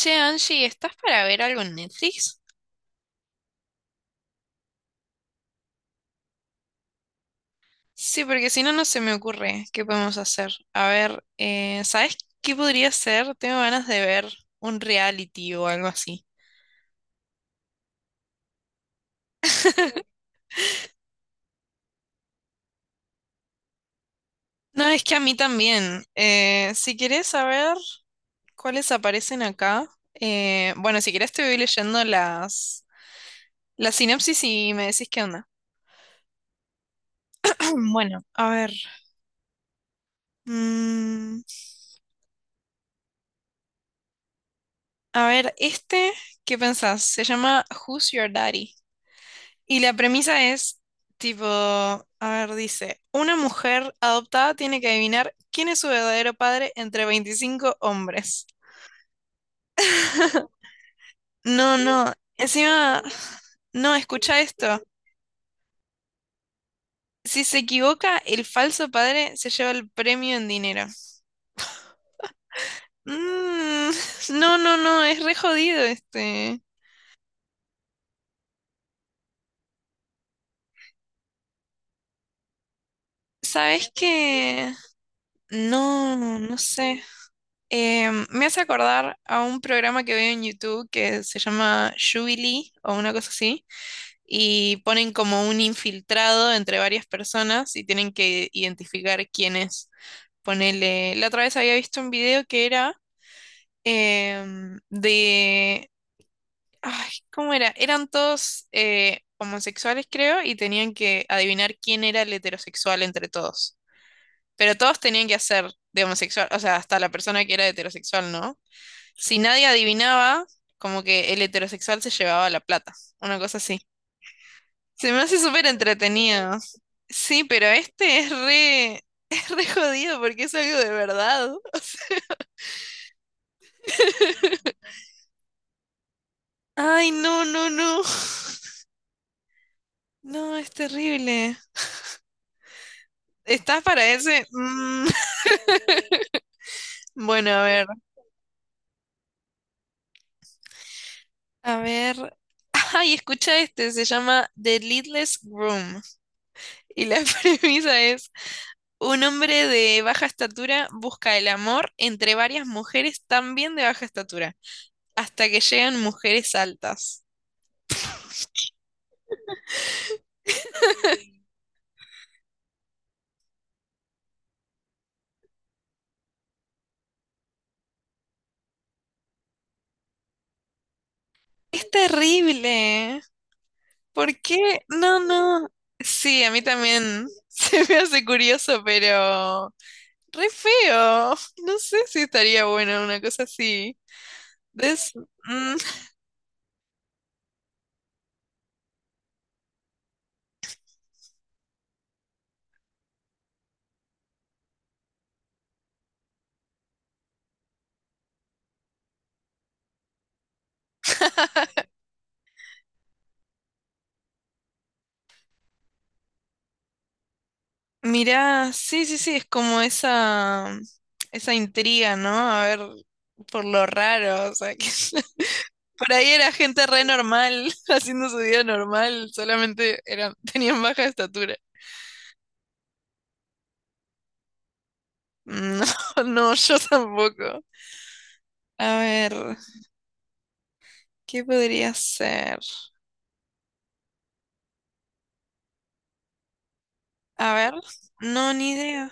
Che, Angie, ¿estás para ver algo en Netflix? Sí, porque si no, no se me ocurre qué podemos hacer. A ver, ¿sabes qué podría ser? Tengo ganas de ver un reality o algo así. No, es que a mí también. Si querés saber cuáles aparecen acá, bueno, si querés te voy leyendo la sinopsis y me decís qué onda. Bueno, a ver. mm, a ver, ¿qué pensás? Se llama Who's Your Daddy? Y la premisa es, tipo, a ver, dice, una mujer adoptada tiene que adivinar quién es su verdadero padre entre 25 hombres. No, no, no, escucha esto. Si se equivoca, el falso padre se lleva el premio en dinero. Mm, no, no, no, es re jodido este. ¿Sabes qué? No, no sé. Me hace acordar a un programa que veo en YouTube que se llama Jubilee o una cosa así, y ponen como un infiltrado entre varias personas y tienen que identificar quién es. Ponele, la otra vez había visto un video que era em, de, ay, ¿cómo era? Eran todos homosexuales, creo, y tenían que adivinar quién era el heterosexual entre todos. Pero todos tenían que hacer de homosexual, o sea, hasta la persona que era heterosexual, ¿no? Si nadie adivinaba, como que el heterosexual se llevaba la plata. Una cosa así. Se me hace súper entretenido. Sí, pero este es re, es re jodido porque es algo de verdad. ay, no, no, no. No, es terrible. ¿Estás para ese? Bueno, a ver. A ver. Ay, escucha este, se llama The Leadless Groom. Y la premisa es un hombre de baja estatura busca el amor entre varias mujeres también de baja estatura, hasta que llegan mujeres altas. Es terrible. ¿Por qué? No, no. Sí, a mí también se me hace curioso, pero re feo. No sé si estaría bueno una cosa así. Es- mm. Mirá, sí, sí, sí, es como esa intriga, ¿no? A ver, por lo raro, o sea, que... Por ahí era gente re normal, haciendo su vida normal, solamente eran, tenían baja estatura. No, no, yo tampoco. A ver, ¿qué podría ser? A ver, no, ni idea.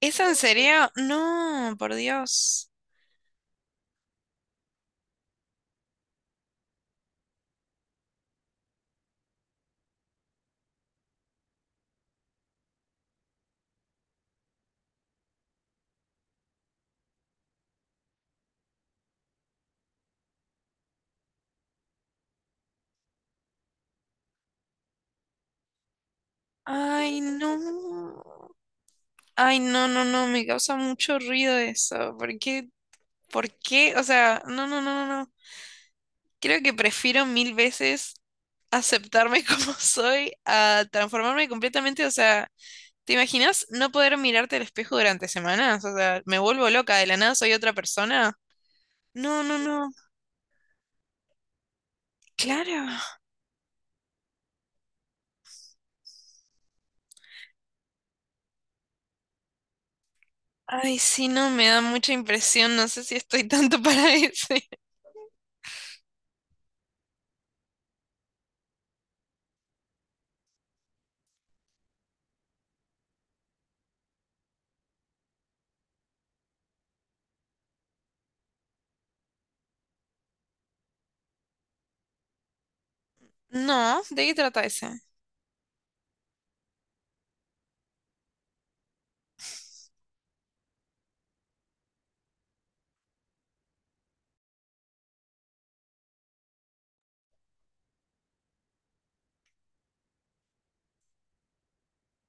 ¿Es en serio? No, por Dios. Ay, no. Ay, no, no, no, me causa mucho ruido eso. ¿Por qué? ¿Por qué? O sea, no, no, no, no. no. Creo que prefiero mil veces aceptarme como soy a transformarme completamente, o sea, ¿te imaginas no poder mirarte al espejo durante semanas? O sea, me vuelvo loca, de la nada soy otra persona. No, no, no. Claro. Ay, sí, no, me da mucha impresión. No sé si estoy tanto para ese. No, ¿de qué trata ese?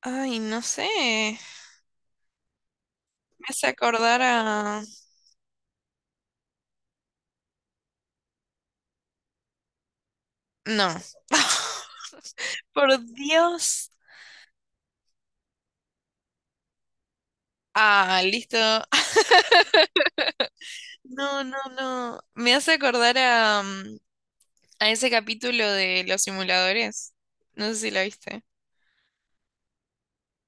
Ay, no sé. Me hace acordar a... No. Por Dios. Ah, listo. No, no, no. Me hace acordar a, a ese capítulo de los simuladores. No sé si la viste.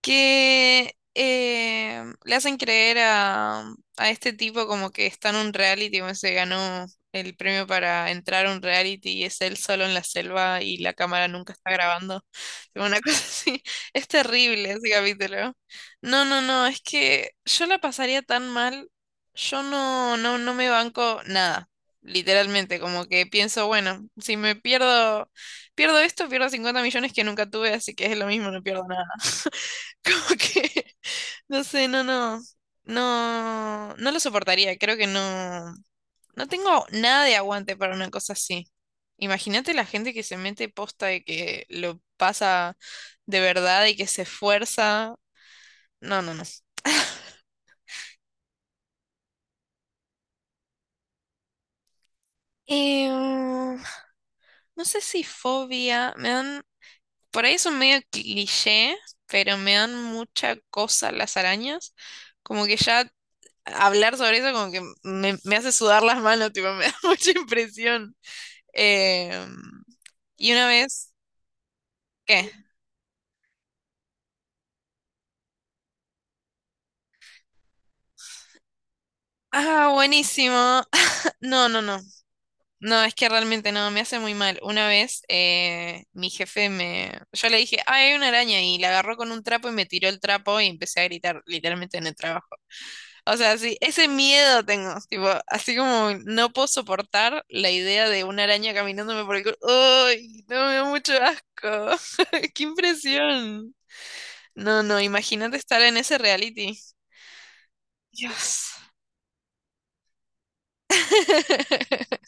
Que le hacen creer a este tipo como que está en un reality, como se ganó el premio para entrar a un reality y es él solo en la selva y la cámara nunca está grabando. Tipo, una cosa así, es terrible ese capítulo. No, no, no, es que yo la pasaría tan mal, yo no, no, no me banco nada. Literalmente, como que pienso, bueno, si me pierdo, pierdo esto, pierdo 50 millones que nunca tuve, así que es lo mismo, no pierdo nada. Como que, no sé, no, no, no, no lo soportaría. Creo que no, no tengo nada de aguante para una cosa así. Imagínate la gente que se mete posta de que lo pasa de verdad y que se esfuerza. No, no, no. No sé si fobia, me dan, por ahí es un medio cliché, pero me dan mucha cosa las arañas. Como que ya hablar sobre eso como que me hace sudar las manos, tipo, me da mucha impresión. Eh, y una vez, ¿qué? Ah, buenísimo. No, no, no. No, es que realmente no, me hace muy mal. Una vez mi jefe me... Yo le dije, ay, hay una araña y la agarró con un trapo y me tiró el trapo y empecé a gritar literalmente en el trabajo. O sea, sí, ese miedo tengo, tipo, así como no puedo soportar la idea de una araña caminándome por el culo. ¡Ay! No, me da mucho asco. ¡Qué impresión! No, no, imagínate estar en ese reality. Dios.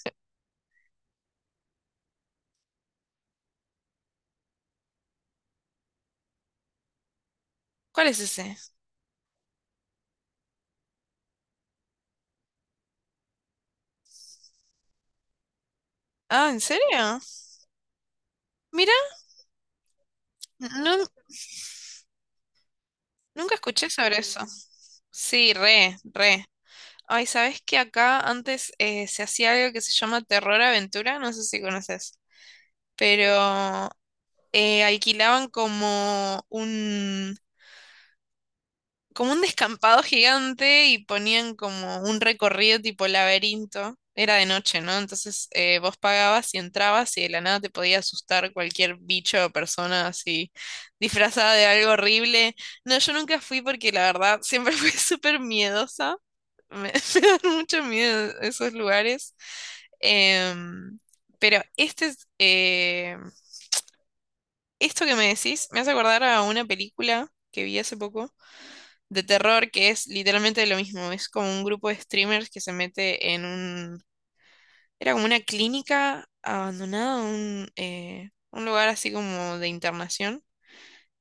¿Cuál es ese? Ah, ¿en serio? Mira, no, nunca escuché sobre eso. Sí, re, re. Ay, ¿sabes que acá antes se hacía algo que se llama Terror Aventura? No sé si conoces, pero alquilaban como un descampado gigante y ponían como un recorrido tipo laberinto. Era de noche, ¿no? Entonces vos pagabas y entrabas y de la nada te podía asustar cualquier bicho o persona así disfrazada de algo horrible. No, yo nunca fui porque la verdad siempre fui súper miedosa. Me dan mucho miedo esos lugares. Em, pero esto que me decís me hace acordar a una película que vi hace poco de terror que es literalmente lo mismo. Es como un grupo de streamers que se mete en un... Era como una clínica abandonada, un lugar así como de internación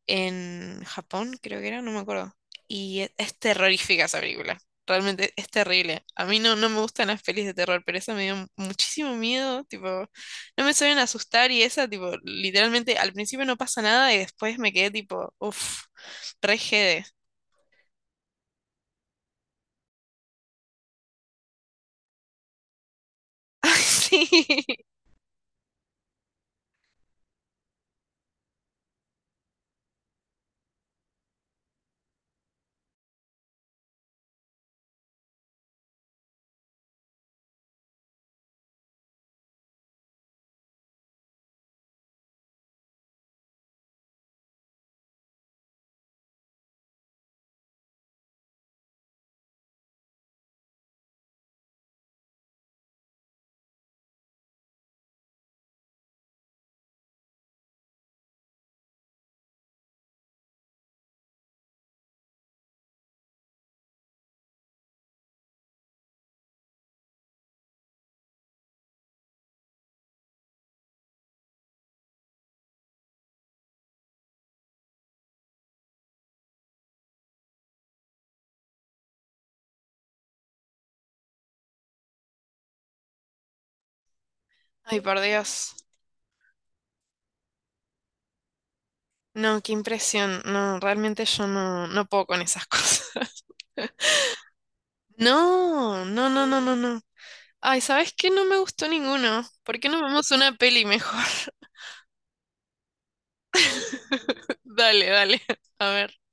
en Japón, creo que era, no me acuerdo. Es terrorífica esa película. Realmente es terrible. A mí no, no me gustan las pelis de terror, pero esa me dio muchísimo miedo. Tipo, no me suelen asustar y esa, tipo, literalmente al principio no pasa nada y después me quedé tipo, uff, re jede. Sí. Ay, por Dios. No, qué impresión. No, realmente yo no, no puedo con esas cosas. No, no, no, no, no, no. Ay, ¿sabes qué? No me gustó ninguno. ¿Por qué no vemos una peli mejor? Dale, dale. A ver.